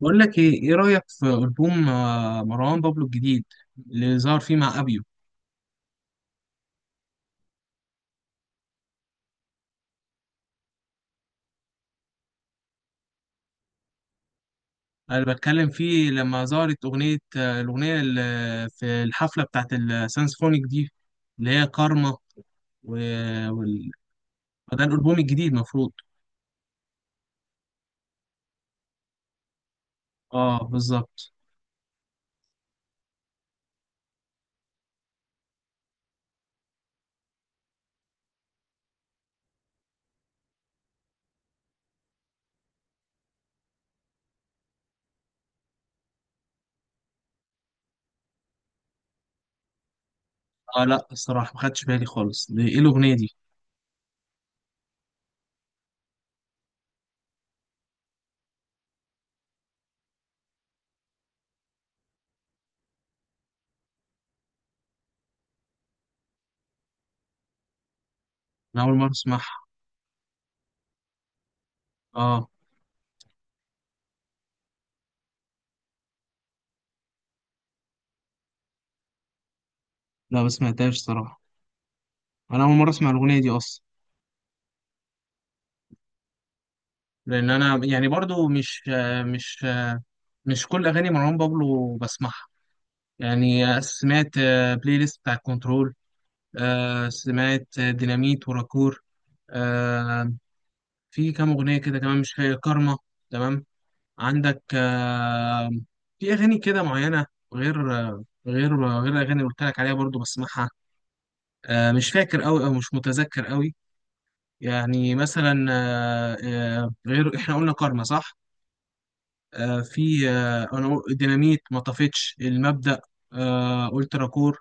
بقول لك ايه رايك في البوم مروان بابلو الجديد اللي ظهر فيه مع ابيو. انا بتكلم فيه لما ظهرت اغنيه، الاغنيه اللي في الحفله بتاعت السانسفونيك دي، اللي هي كارما و... وال... ده الالبوم الجديد مفروض. اه بالظبط. اه لا، الصراحه ما خدتش بالي خالص، دي ايه الاغنيه دي؟ انا اول مره اسمعها. اه لا، ما سمعتهاش صراحه، انا اول مره اسمع الاغنيه دي اصلا. لان انا يعني برضو مش كل اغاني مروان بابلو بسمعها. يعني سمعت بلاي ليست بتاع كنترول. سمعت ديناميت وراكور. آه، في كام أغنية كده كمان مش فاكر، كارما، تمام، عندك في أغاني كده معينة، غير غير الأغاني اللي قلت لك عليها برضو بسمعها، مش فاكر أوي أو مش متذكر أوي. يعني مثلا، غير، إحنا قلنا كارما صح؟ آه، في آه، أنا قل- ديناميت ما طفتش المبدأ. قلت راكور،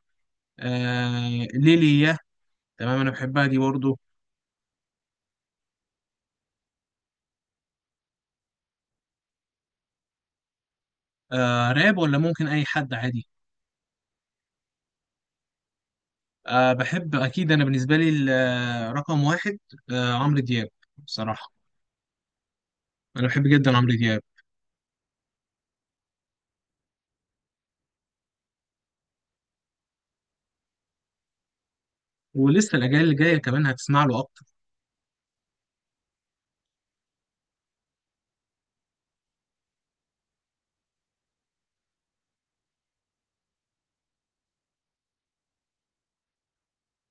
آه، ليلي. تمام، انا بحبها دي برضه. آه، راب ولا ممكن اي حد عادي. آه بحب اكيد، انا بالنسبه لي رقم واحد، عمرو دياب، بصراحه انا بحب جدا عمرو دياب. ولسه الاجيال اللي جايه كمان هتسمع له اكتر.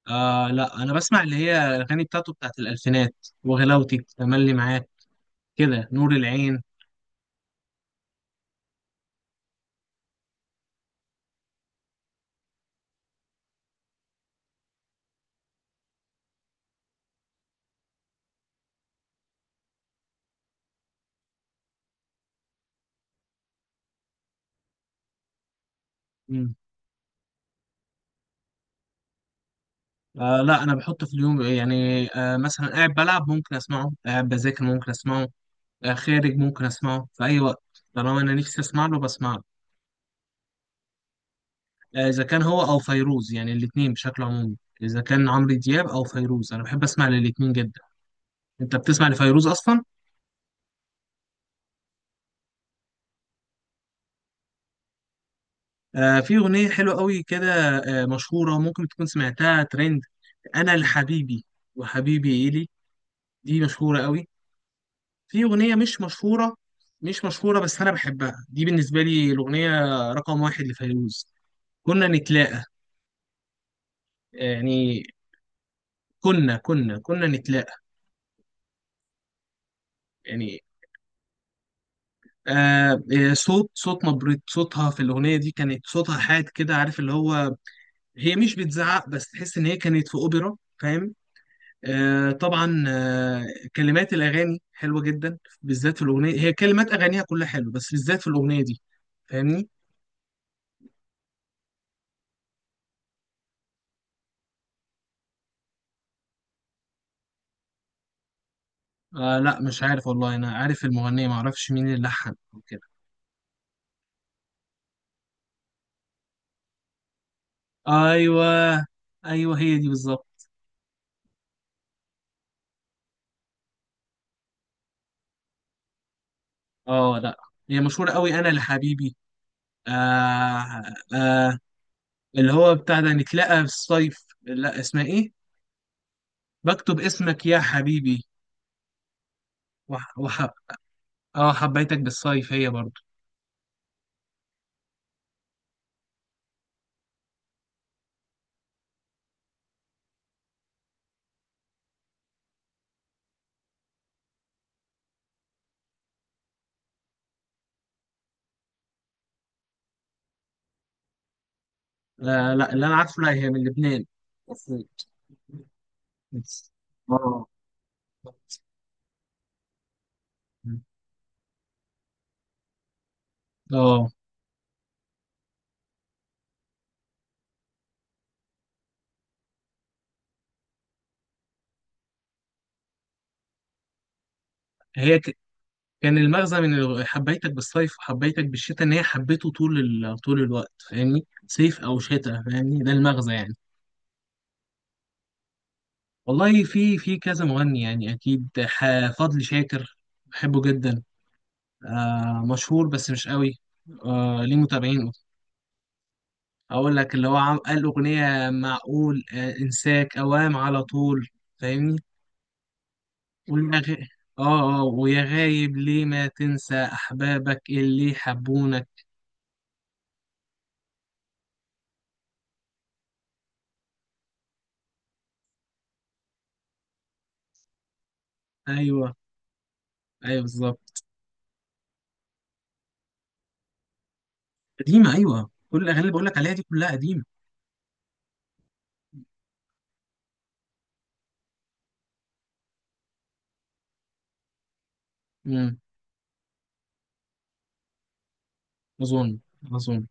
آه لا، انا بسمع اللي هي الاغاني بتاعته بتاعت الالفينات، وغلاوتي، تملي معاك، كده، نور العين. مم. آه لا، انا بحط في اليوم يعني مثلا قاعد بلعب ممكن اسمعه، قاعد بذاكر ممكن اسمعه، خارج ممكن اسمعه، في اي وقت طالما انا نفسي اسمع له بسمعه. اذا كان هو او فيروز، يعني الاثنين بشكل عمومي، اذا كان عمرو دياب او فيروز انا بحب اسمع للاثنين جدا. انت بتسمع لفيروز اصلا؟ آه، في اغنيه حلوه قوي كده، آه مشهوره، ممكن تكون سمعتها، ترند: انا لحبيبي وحبيبي الي، دي مشهوره قوي. في اغنيه مش مشهوره، مش مشهوره بس انا بحبها، دي بالنسبه لي الاغنيه رقم واحد لفيروز: كنا نتلاقى. يعني كنا نتلاقى. يعني آه، آه، صوت صوت نبرة صوتها في الأغنية دي كانت، صوتها حاد كده، عارف، اللي هو هي مش بتزعق بس تحس إن هي كانت في أوبرا، فاهم؟ آه طبعا آه، كلمات الأغاني حلوة جدا، بالذات في الأغنية، هي كلمات أغانيها كلها حلوة بس بالذات في الأغنية دي، فاهمني؟ آه لا مش عارف والله، أنا عارف المغنية معرفش مين اللي لحن أو كده. أيوه، أيوه هي دي بالظبط. اه لا، هي مشهورة قوي، أنا لحبيبي. آه، آه، اللي هو بتاع ده نتلاقى في الصيف، لا اسمها ايه، بكتب اسمك يا حبيبي. وح... وح... اه، حبيتك بالصيف هي برضو. آه لا، اللي انا عارفه لا، هي من لبنان. اه. اه، هي ك... كان المغزى من حبيتك بالصيف وحبيتك بالشتاء ان هي حبيته طول، طول الوقت، فاهمني، صيف او شتاء، فاهمني، ده المغزى يعني. والله في كذا مغني يعني، اكيد، فضل شاكر، بحبه جدا. آه مشهور بس مش قوي، آه ليه متابعين. اقول لك اللي هو عم قال اغنيه معقول، آه انساك اوام على طول، فاهمني. ويا غ... اه، اه، ويا غايب ليه ما تنسى احبابك اللي حبونك. ايوه، ايوه بالظبط. قديمه، ايوه كل الاغاني اللي بقول لك عليها دي كلها قديمه. امم اظن. اظن.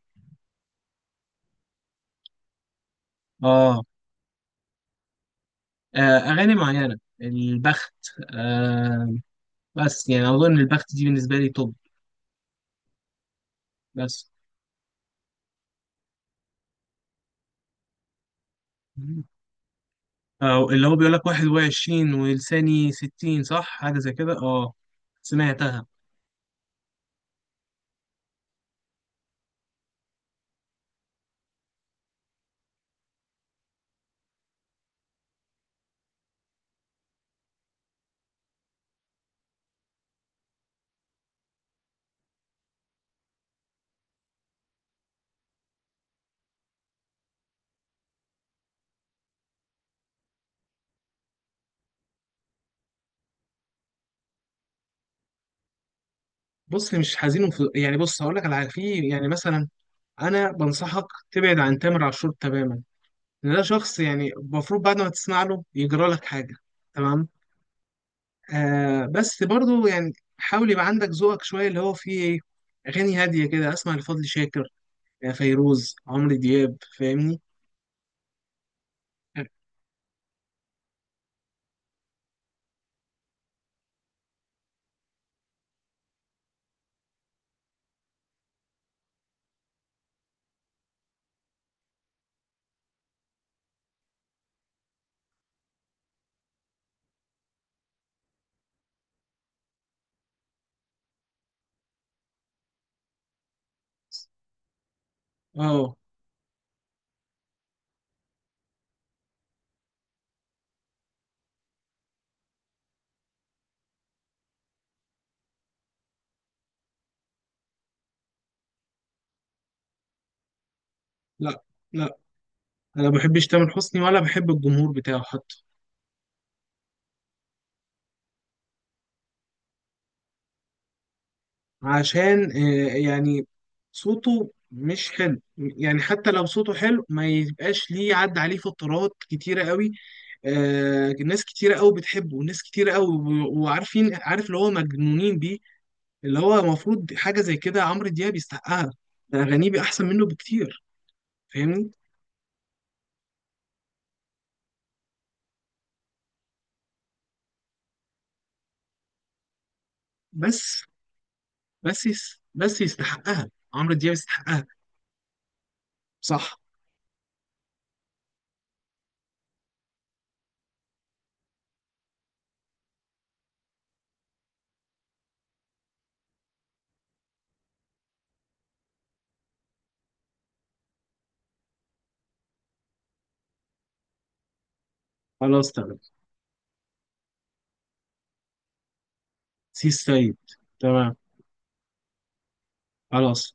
اه. آه، اغاني معينه، البخت، آه، بس يعني اظن البخت دي بالنسبه لي توب. بس آه، اللي هو بيقول لك 21 ولساني 60، صح، حاجة زي كده. اه سمعتها. بص مش حزين يعني بص هقول لك على حاجة. في يعني مثلا، انا بنصحك تبعد عن تامر عاشور تماما، لأن ده شخص يعني المفروض بعد ما تسمع له يجرى لك حاجة. تمام. آه بس برضو يعني حاول يبقى عندك ذوقك شوية، اللي هو فيه ايه، اغاني هادية كده، اسمع لفضل شاكر، فيروز، عمرو دياب، فاهمني. اه لا، لا انا ما بحبش تامر حسني ولا بحب الجمهور بتاعه حتى. عشان يعني صوته مش حلو، يعني حتى لو صوته حلو ما يبقاش ليه، عدى عليه فترات كتيرة قوي. آه، ناس كتيرة قوي بتحبه وناس كتيرة قوي وعارفين، عارف اللي هو مجنونين بيه، اللي هو المفروض حاجة زي كده عمرو دياب يستحقها. ده أغانيه بقى أحسن منه بكتير، فاهمني. بس بس يستحقها عمرو دياب يستحقها. صح. خلاص تمام. سي السيد، تمام، خلاص.